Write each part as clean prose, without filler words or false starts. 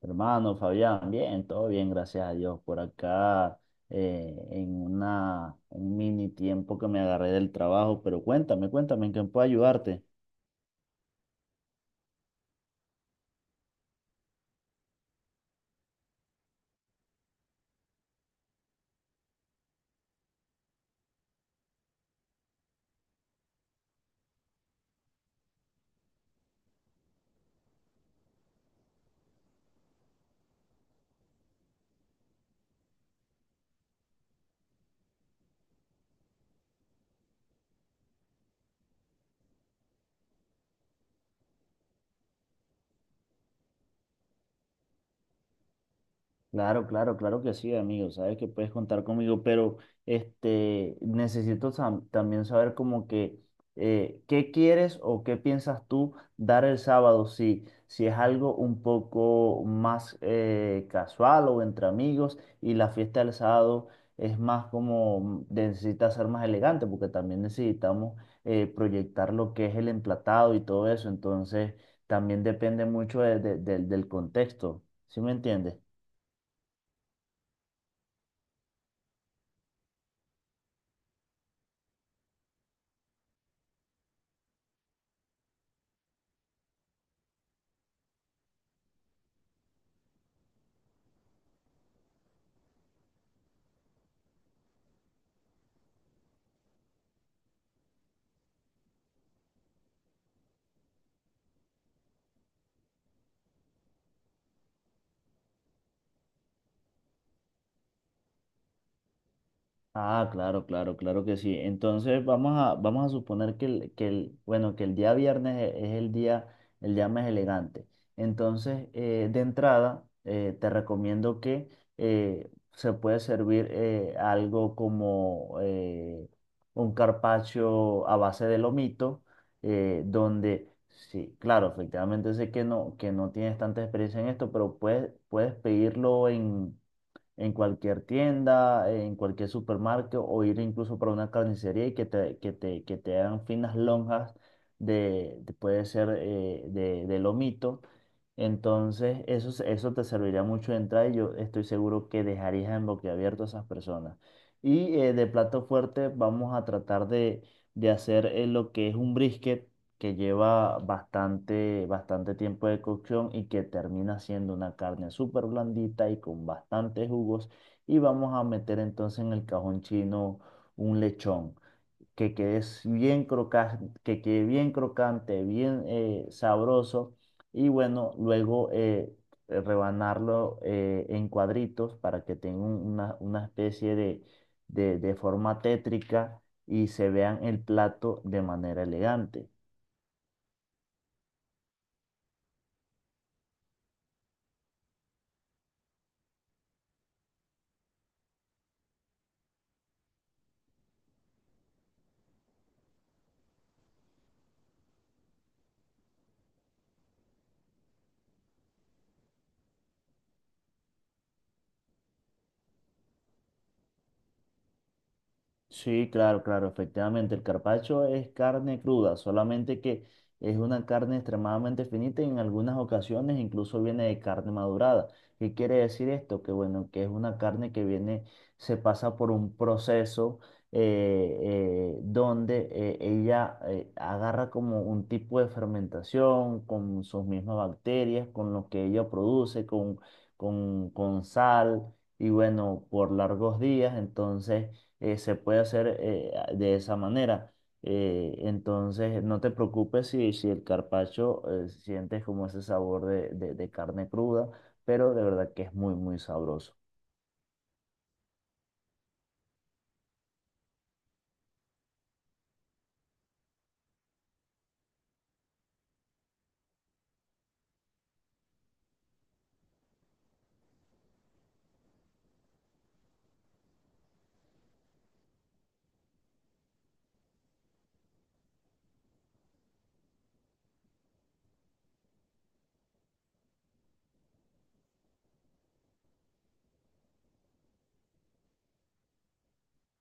Hermano Fabián, bien, todo bien, gracias a Dios. Por acá un mini tiempo que me agarré del trabajo, pero cuéntame, cuéntame, ¿en qué puedo ayudarte? Claro, claro, claro que sí, amigo. Sabes que puedes contar conmigo, pero necesito también saber como que qué quieres o qué piensas tú dar el sábado, si es algo un poco más casual o entre amigos, y la fiesta del sábado es más como necesita ser más elegante, porque también necesitamos proyectar lo que es el emplatado y todo eso. Entonces también depende mucho del contexto. ¿Sí me entiendes? Ah, claro, claro, claro que sí. Entonces vamos a suponer bueno, que el día viernes es el día, más elegante. Entonces, de entrada, te recomiendo que se puede servir algo como un carpaccio a base de lomito, donde, sí, claro, efectivamente sé que no tienes tanta experiencia en esto, pero puedes pedirlo en cualquier tienda, en cualquier supermercado o ir incluso para una carnicería, y que te hagan finas lonjas puede ser de lomito. Entonces, eso te serviría mucho de entrada, y yo estoy seguro que dejarías en boquiabierto a esas personas. Y de plato fuerte vamos a tratar de hacer lo que es un brisket, que lleva bastante, bastante tiempo de cocción y que termina siendo una carne súper blandita y con bastantes jugos. Y vamos a meter entonces en el cajón chino un lechón que quede bien crocante, bien sabroso. Y bueno, luego rebanarlo en cuadritos para que tenga una especie de forma tétrica, y se vean el plato de manera elegante. Sí, claro, claro, efectivamente. El carpaccio es carne cruda, solamente que es una carne extremadamente finita y en algunas ocasiones incluso viene de carne madurada. ¿Qué quiere decir esto? Que bueno, que es una carne que viene, se pasa por un proceso, donde ella agarra como un tipo de fermentación con sus mismas bacterias, con lo que ella produce, con sal, y bueno, por largos días. Entonces se puede hacer de esa manera. Entonces, no te preocupes si el carpaccio sientes como ese sabor de carne cruda, pero de verdad que es muy, muy sabroso.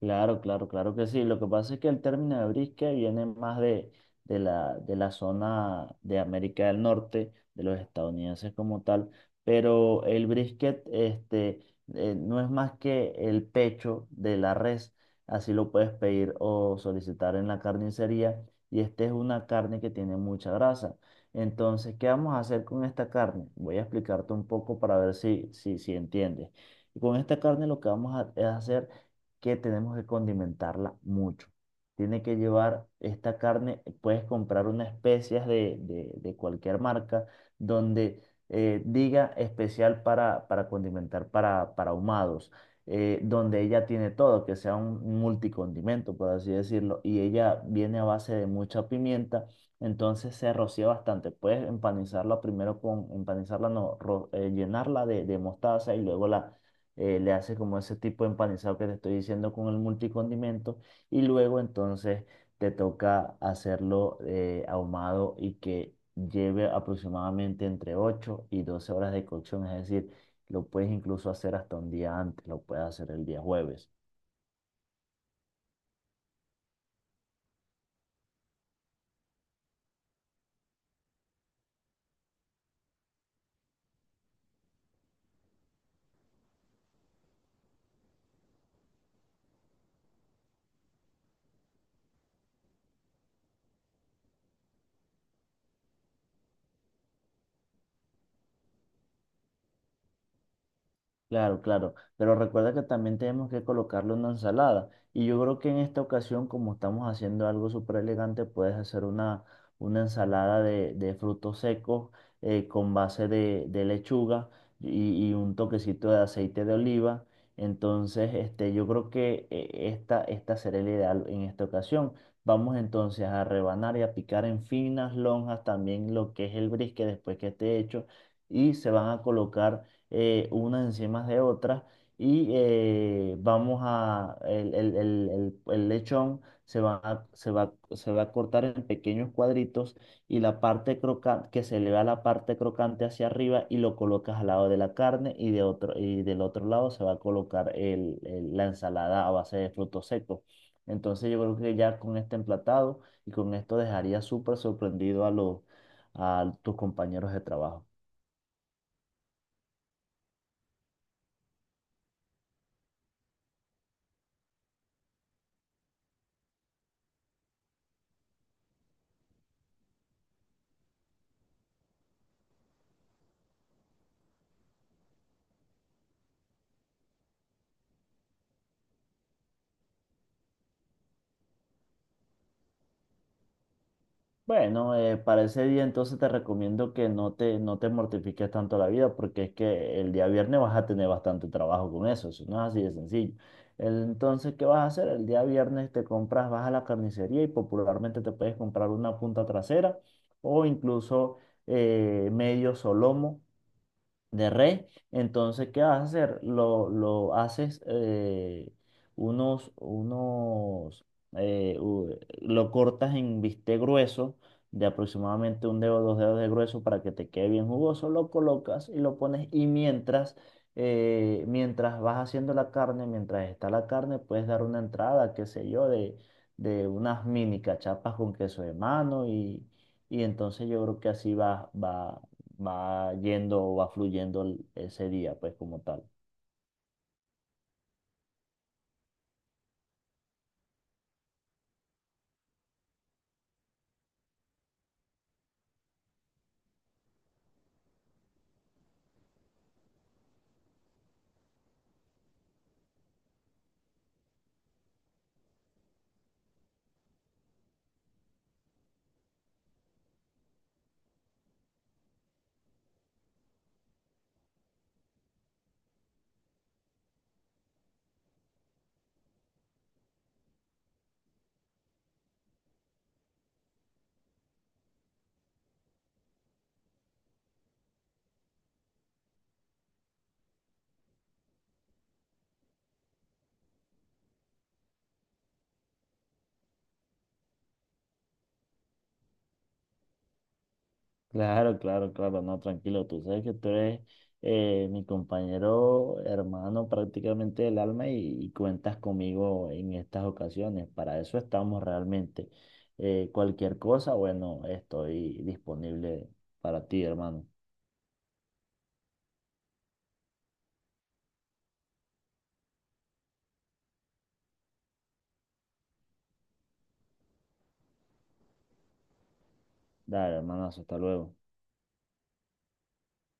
Claro, claro, claro que sí. Lo que pasa es que el término de brisket viene más de la zona de América del Norte, de los estadounidenses como tal, pero el brisket no es más que el pecho de la res. Así lo puedes pedir o solicitar en la carnicería. Y esta es una carne que tiene mucha grasa. Entonces, ¿qué vamos a hacer con esta carne? Voy a explicarte un poco para ver si entiendes. Con esta carne lo que vamos a es hacer que tenemos que condimentarla mucho. Tiene que llevar esta carne, puedes comprar unas especias de cualquier marca donde diga especial para, condimentar, para ahumados, donde ella tiene todo, que sea un multicondimento, por así decirlo, y ella viene a base de mucha pimienta, entonces se rocía bastante. Puedes empanizarla primero con, empanizarla no, llenarla de mostaza, y luego la le haces como ese tipo de empanizado que te estoy diciendo con el multicondimento, y luego entonces te toca hacerlo ahumado, y que lleve aproximadamente entre 8 y 12 horas de cocción, es decir, lo puedes incluso hacer hasta un día antes, lo puedes hacer el día jueves. Claro, claro, pero recuerda que también tenemos que colocarle una ensalada. Y yo creo que en esta ocasión, como estamos haciendo algo súper elegante, puedes hacer una ensalada de frutos secos, con base de lechuga, y un toquecito de aceite de oliva. Entonces, yo creo que esta será el ideal en esta ocasión. Vamos entonces a rebanar y a picar en finas lonjas también lo que es el brisket después que esté hecho, y se van a colocar unas encima de otras, y vamos a, el lechón se va a cortar en pequeños cuadritos, y la parte crocante, que se le va la parte crocante hacia arriba, y lo colocas al lado de la carne, y del otro lado se va a colocar la ensalada a base de frutos secos. Entonces yo creo que ya con este emplatado y con esto dejaría súper sorprendido a tus compañeros de trabajo. Bueno, para ese día entonces te recomiendo que no te mortifiques tanto la vida, porque es que el día viernes vas a tener bastante trabajo con eso. Eso no es así de sencillo. Entonces, ¿qué vas a hacer? El día viernes te compras, vas a la carnicería y popularmente te puedes comprar una punta trasera o incluso medio solomo de res. Entonces, ¿qué vas a hacer? Lo haces unos, unos, u- lo cortas en bistec grueso de aproximadamente un dedo, dos dedos de grueso para que te quede bien jugoso, lo colocas y lo pones, y mientras vas haciendo la carne, mientras está la carne, puedes dar una entrada, qué sé yo, de unas mini cachapas con queso de mano, y entonces yo creo que así va yendo o va fluyendo ese día, pues como tal. Claro, claro, claro, no, tranquilo, tú sabes que tú eres mi compañero, hermano prácticamente del alma, y cuentas conmigo en estas ocasiones, para eso estamos realmente. Cualquier cosa, bueno, estoy disponible para ti, hermano. Dale, hermanazo, hasta luego.